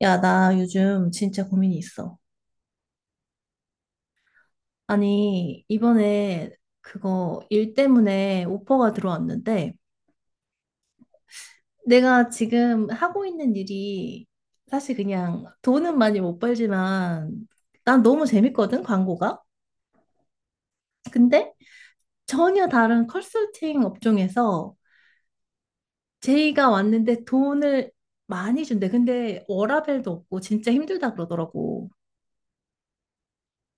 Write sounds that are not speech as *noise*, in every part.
야, 나 요즘 진짜 고민이 있어. 아니, 이번에 그거 일 때문에 오퍼가 들어왔는데, 내가 지금 하고 있는 일이 사실 그냥 돈은 많이 못 벌지만, 난 너무 재밌거든, 광고가. 근데 전혀 다른 컨설팅 업종에서 제의가 왔는데 돈을 많이 준대. 근데 워라밸도 없고 진짜 힘들다 그러더라고.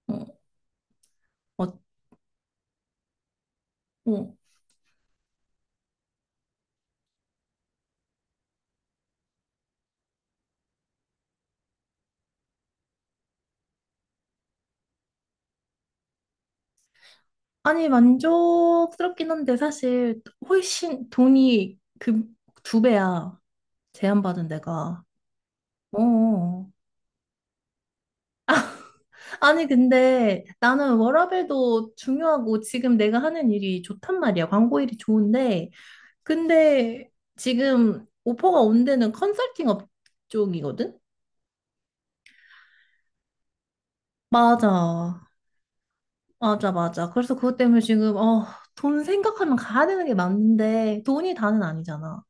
어, 어, 어. 아니, 만족스럽긴 한데, 사실, 훨씬 돈이 그 두 배야. 제안받은 내가. 어. 아니, 근데 나는 워라밸도 중요하고 지금 내가 하는 일이 좋단 말이야. 광고 일이 좋은데. 근데 지금 오퍼가 온 데는 컨설팅 업 쪽이거든? 맞아. 맞아, 맞아. 그래서 그것 때문에 지금, 돈 생각하면 가야 되는 게 맞는데, 돈이 다는 아니잖아.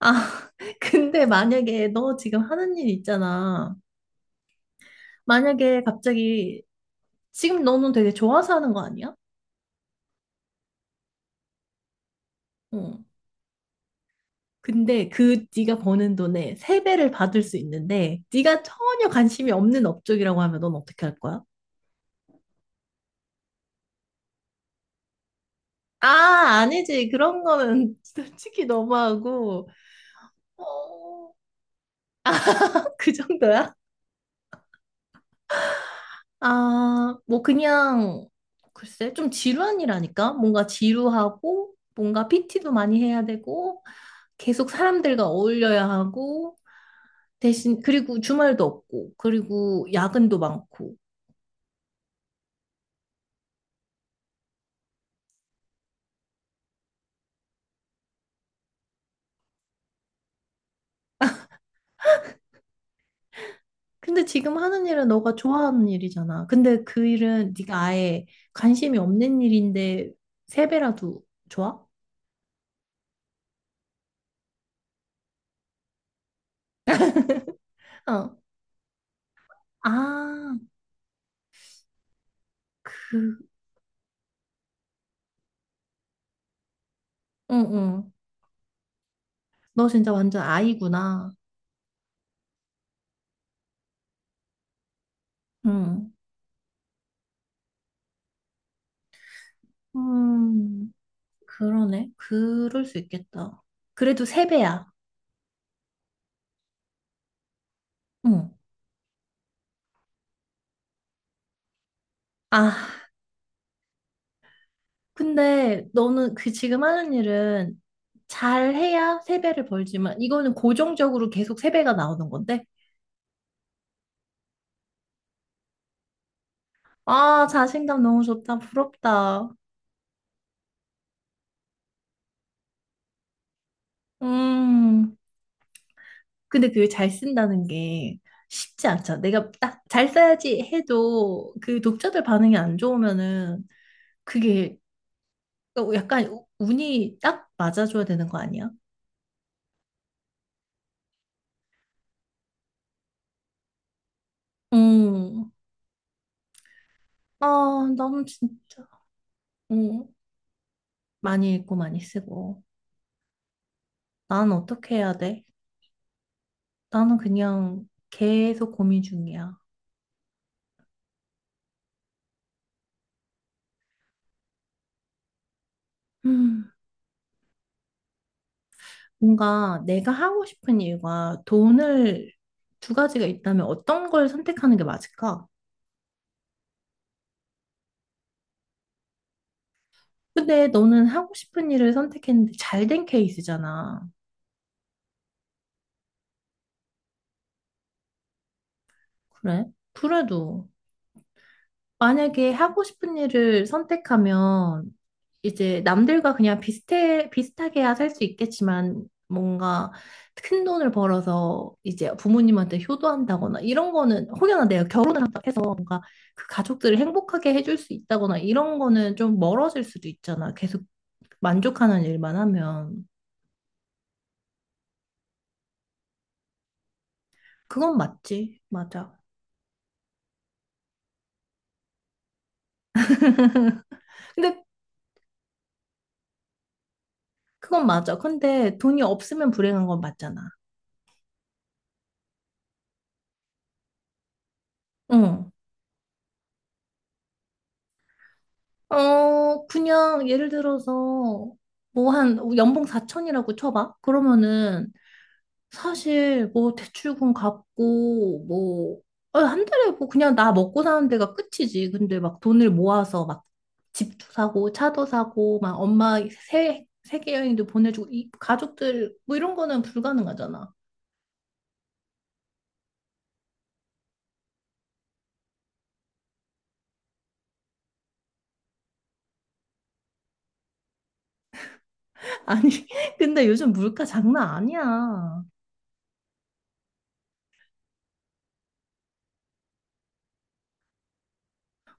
아, *laughs* 근데 만약에 너 지금 하는 일 있잖아. 만약에 갑자기 지금 너는 되게 좋아서 하는 거 아니야? 어. 근데 그 네가 버는 돈의 세배를 받을 수 있는데 네가 전혀 관심이 없는 업종이라고 하면 넌 어떻게 할 거야? 아, 아니지. 그런 거는 *laughs* 솔직히 너무하고. 어, 그 정도야? 아, 뭐 그냥 글쎄 좀 지루한 일 아니까 뭔가 지루하고 뭔가 PT도 많이 해야 되고 계속 사람들과 어울려야 하고 대신 그리고 주말도 없고 그리고 야근도 많고. 근데 지금 하는 일은 너가 좋아하는 일이잖아. 근데 그 일은 네가 아예 관심이 없는 일인데 세 배라도 좋아? 어. 아, 그, 응, 응. 너 진짜 완전 아이구나. 응. 음. 그러네. 그럴 수 있겠다. 그래도 세배야. 응. 아, 근데 너는 그 지금 하는 일은 잘해야 세배를 벌지만 이거는 고정적으로 계속 세배가 나오는 건데? 아, 자신감 너무 좋다. 부럽다. 음. 근데 그게 잘 쓴다는 게 쉽지 않죠. 내가 딱 잘 써야지 해도 그 독자들 반응이 안 좋으면은 그게 약간 운이 딱 맞아줘야 되는 거 아니야? 음. 아, 나는 진짜, 응, 많이 읽고 많이 쓰고. 나는 어떻게 해야 돼? 나는 그냥 계속 고민 중이야. 음, 뭔가 내가 하고 싶은 일과 돈을 두 가지가 있다면 어떤 걸 선택하는 게 맞을까? 근데 너는 하고 싶은 일을 선택했는데 잘 된 케이스잖아. 그래? 그래도 만약에 하고 싶은 일을 선택하면 이제 남들과 그냥 비슷해, 비슷하게야 살 수 있겠지만 뭔가 큰 돈을 벌어서 이제 부모님한테 효도한다거나 이런 거는 혹여나 내가 결혼을 한다 해서 뭔가 그 가족들을 행복하게 해줄 수 있다거나 이런 거는 좀 멀어질 수도 있잖아. 계속 만족하는 일만 하면. 그건 맞지. 맞아. 근데 그건 맞아. 근데 돈이 없으면 불행한 건 맞잖아. 응. 그냥 예를 들어서 뭐 한 연봉 4천이라고 쳐봐. 그러면은 사실 뭐 대출금 갚고 뭐 한 달에 뭐 그냥 나 먹고 사는 데가 끝이지. 근데 막 돈을 모아서 막 집도 사고 차도 사고 막 엄마 세 세계 여행도 보내주고 이 가족들 뭐 이런 거는 불가능하잖아. *laughs* 아니 근데 요즘 물가 장난 아니야.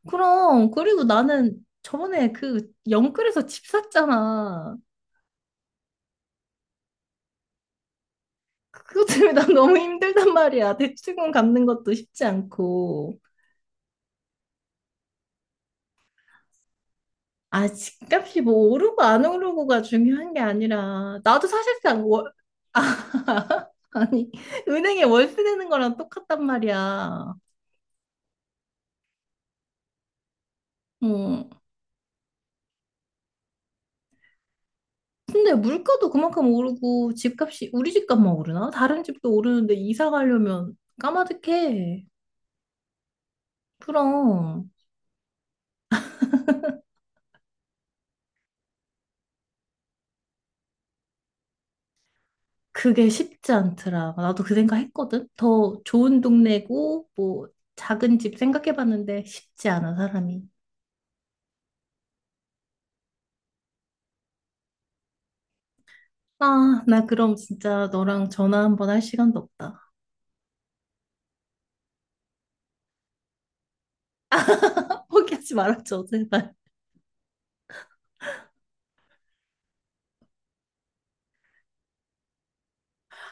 그럼 그리고 나는 저번에 그 영끌에서 집 샀잖아. 그것 때문에 난 너무 힘들단 말이야. 대출금 갚는 것도 쉽지 않고. 아, 집값이 뭐 오르고 안 오르고가 중요한 게 아니라, 나도 사실상 월, 아니, *laughs* 은행에 월세 내는 거랑 똑같단 말이야. 음. 근데 물가도 그만큼 오르고, 집값이, 우리 집값만 오르나? 다른 집도 오르는데 이사 가려면 까마득해. 그럼. 그게 쉽지 않더라. 나도 그 생각 했거든. 더 좋은 동네고, 뭐, 작은 집 생각해봤는데 쉽지 않아, 사람이. 아, 나 그럼 진짜 너랑 전화 한 번 할 시간도 없다. *laughs* 포기하지 말아줘, 제발.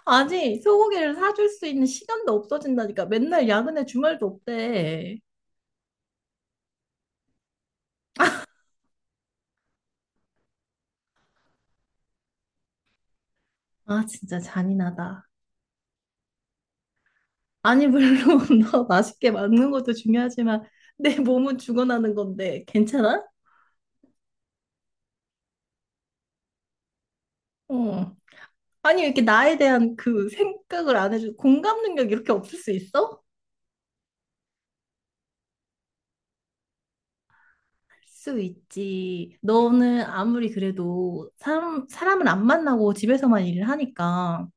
아니, 소고기를 사줄 수 있는 시간도 없어진다니까. 맨날 야근에 주말도 없대. 아, 진짜 잔인하다. 아니, 물론 *laughs* 너 맛있게 먹는 것도 중요하지만 내 몸은 죽어나는 건데 괜찮아? 어. 아니, 왜 이렇게 나에 대한 그 생각을 안 해줘. 공감 능력 이렇게 없을 수 있어? 수 있지. 너는 아무리 그래도 사람을 안 만나고 집에서만 일을 하니까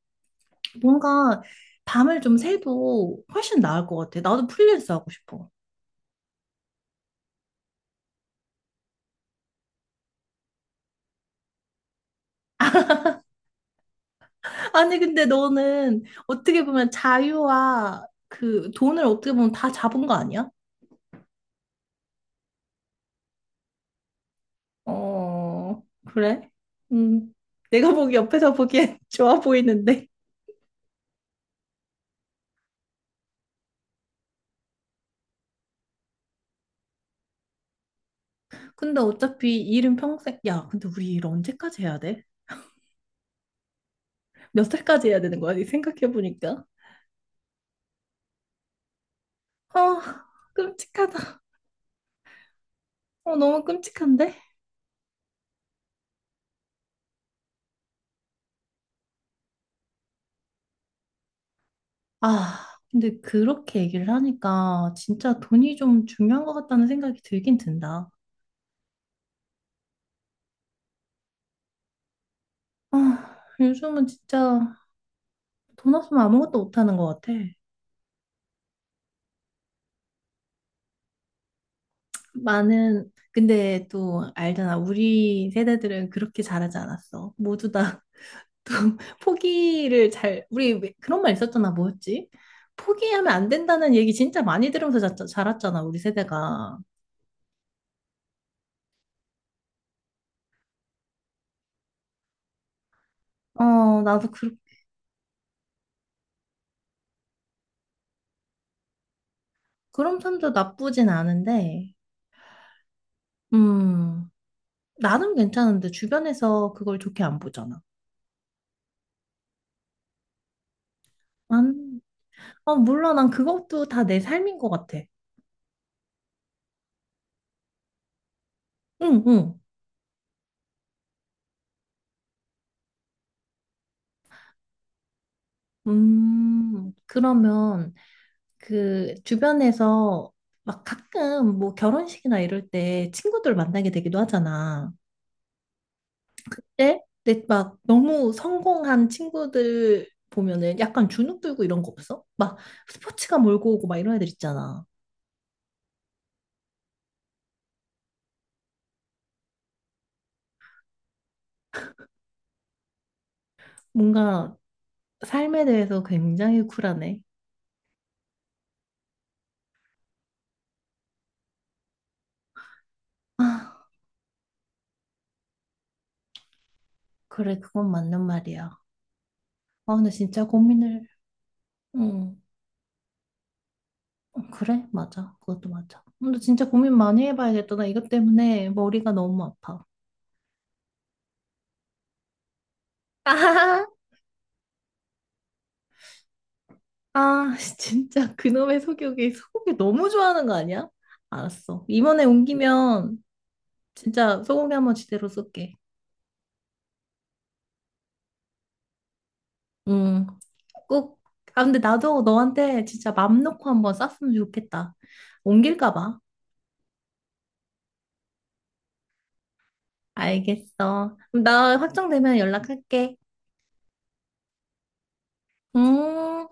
뭔가 밤을 좀 새도 훨씬 나을 것 같아. 나도 프리랜서 하고 싶어. 아니, 근데 너는 어떻게 보면 자유와 그 돈을 어떻게 보면 다 잡은 거 아니야? 어, 그래? 음, 내가 보기 옆에서 보기엔 *laughs* 좋아 보이는데. 근데 어차피 일은 평생, 야, 근데 우리 일 언제까지 해야 돼? 몇 살까지 해야 되는 거야? 생각해보니까. 아, 끔찍하다. 어, 너무 끔찍한데? 아, 근데 그렇게 얘기를 하니까 진짜 돈이 좀 중요한 것 같다는 생각이 들긴 든다. 아, 요즘은 진짜 돈 없으면 아무것도 못하는 것 같아. 많은, 근데 또 알잖아. 우리 세대들은 그렇게 잘하지 않았어. 모두 다 또 *laughs* 포기를 잘, 우리 왜- 그런 말 있었잖아. 뭐였지? 포기하면 안 된다는 얘기 진짜 많이 들으면서 자랐잖아. 우리 세대가. 어, 나도 그, 그런 편도 나쁘진 않은데, 음, 나는 괜찮은데 주변에서 그걸 좋게 안 보잖아. 난, 아, 몰라. 난 그것도 다 내 삶인 것 같아. 응, 응. 그러면 그 주변에서 막 가끔 뭐 결혼식이나 이럴 때 친구들 만나게 되기도 하잖아. 예? 근데 막 너무 성공한 친구들 보면은 약간 주눅 들고 이런 거 없어? 막 스포츠가 몰고 오고 막 이런 애들 있잖아. 뭔가 삶에 대해서 굉장히 쿨하네. 아, 그래, 그건 맞는 말이야. 아, 근데 진짜 고민을, 응, 그래, 맞아. 그것도 맞아. 근데 진짜 고민 많이 해봐야겠다. 나 이것 때문에 머리가 너무 아파. 아, 아, *laughs* 진짜 그놈의 소고기, 소고기 너무 좋아하는 거 아니야? 알았어. 이번에 옮기면 진짜 소고기 한번 제대로 쏠게. 응, 꼭. 아, 근데 나도 너한테 진짜 맘 놓고 한번 쐈으면 좋겠다. 옮길까 봐. 알겠어. 그럼 나 확정되면 연락할게. 음.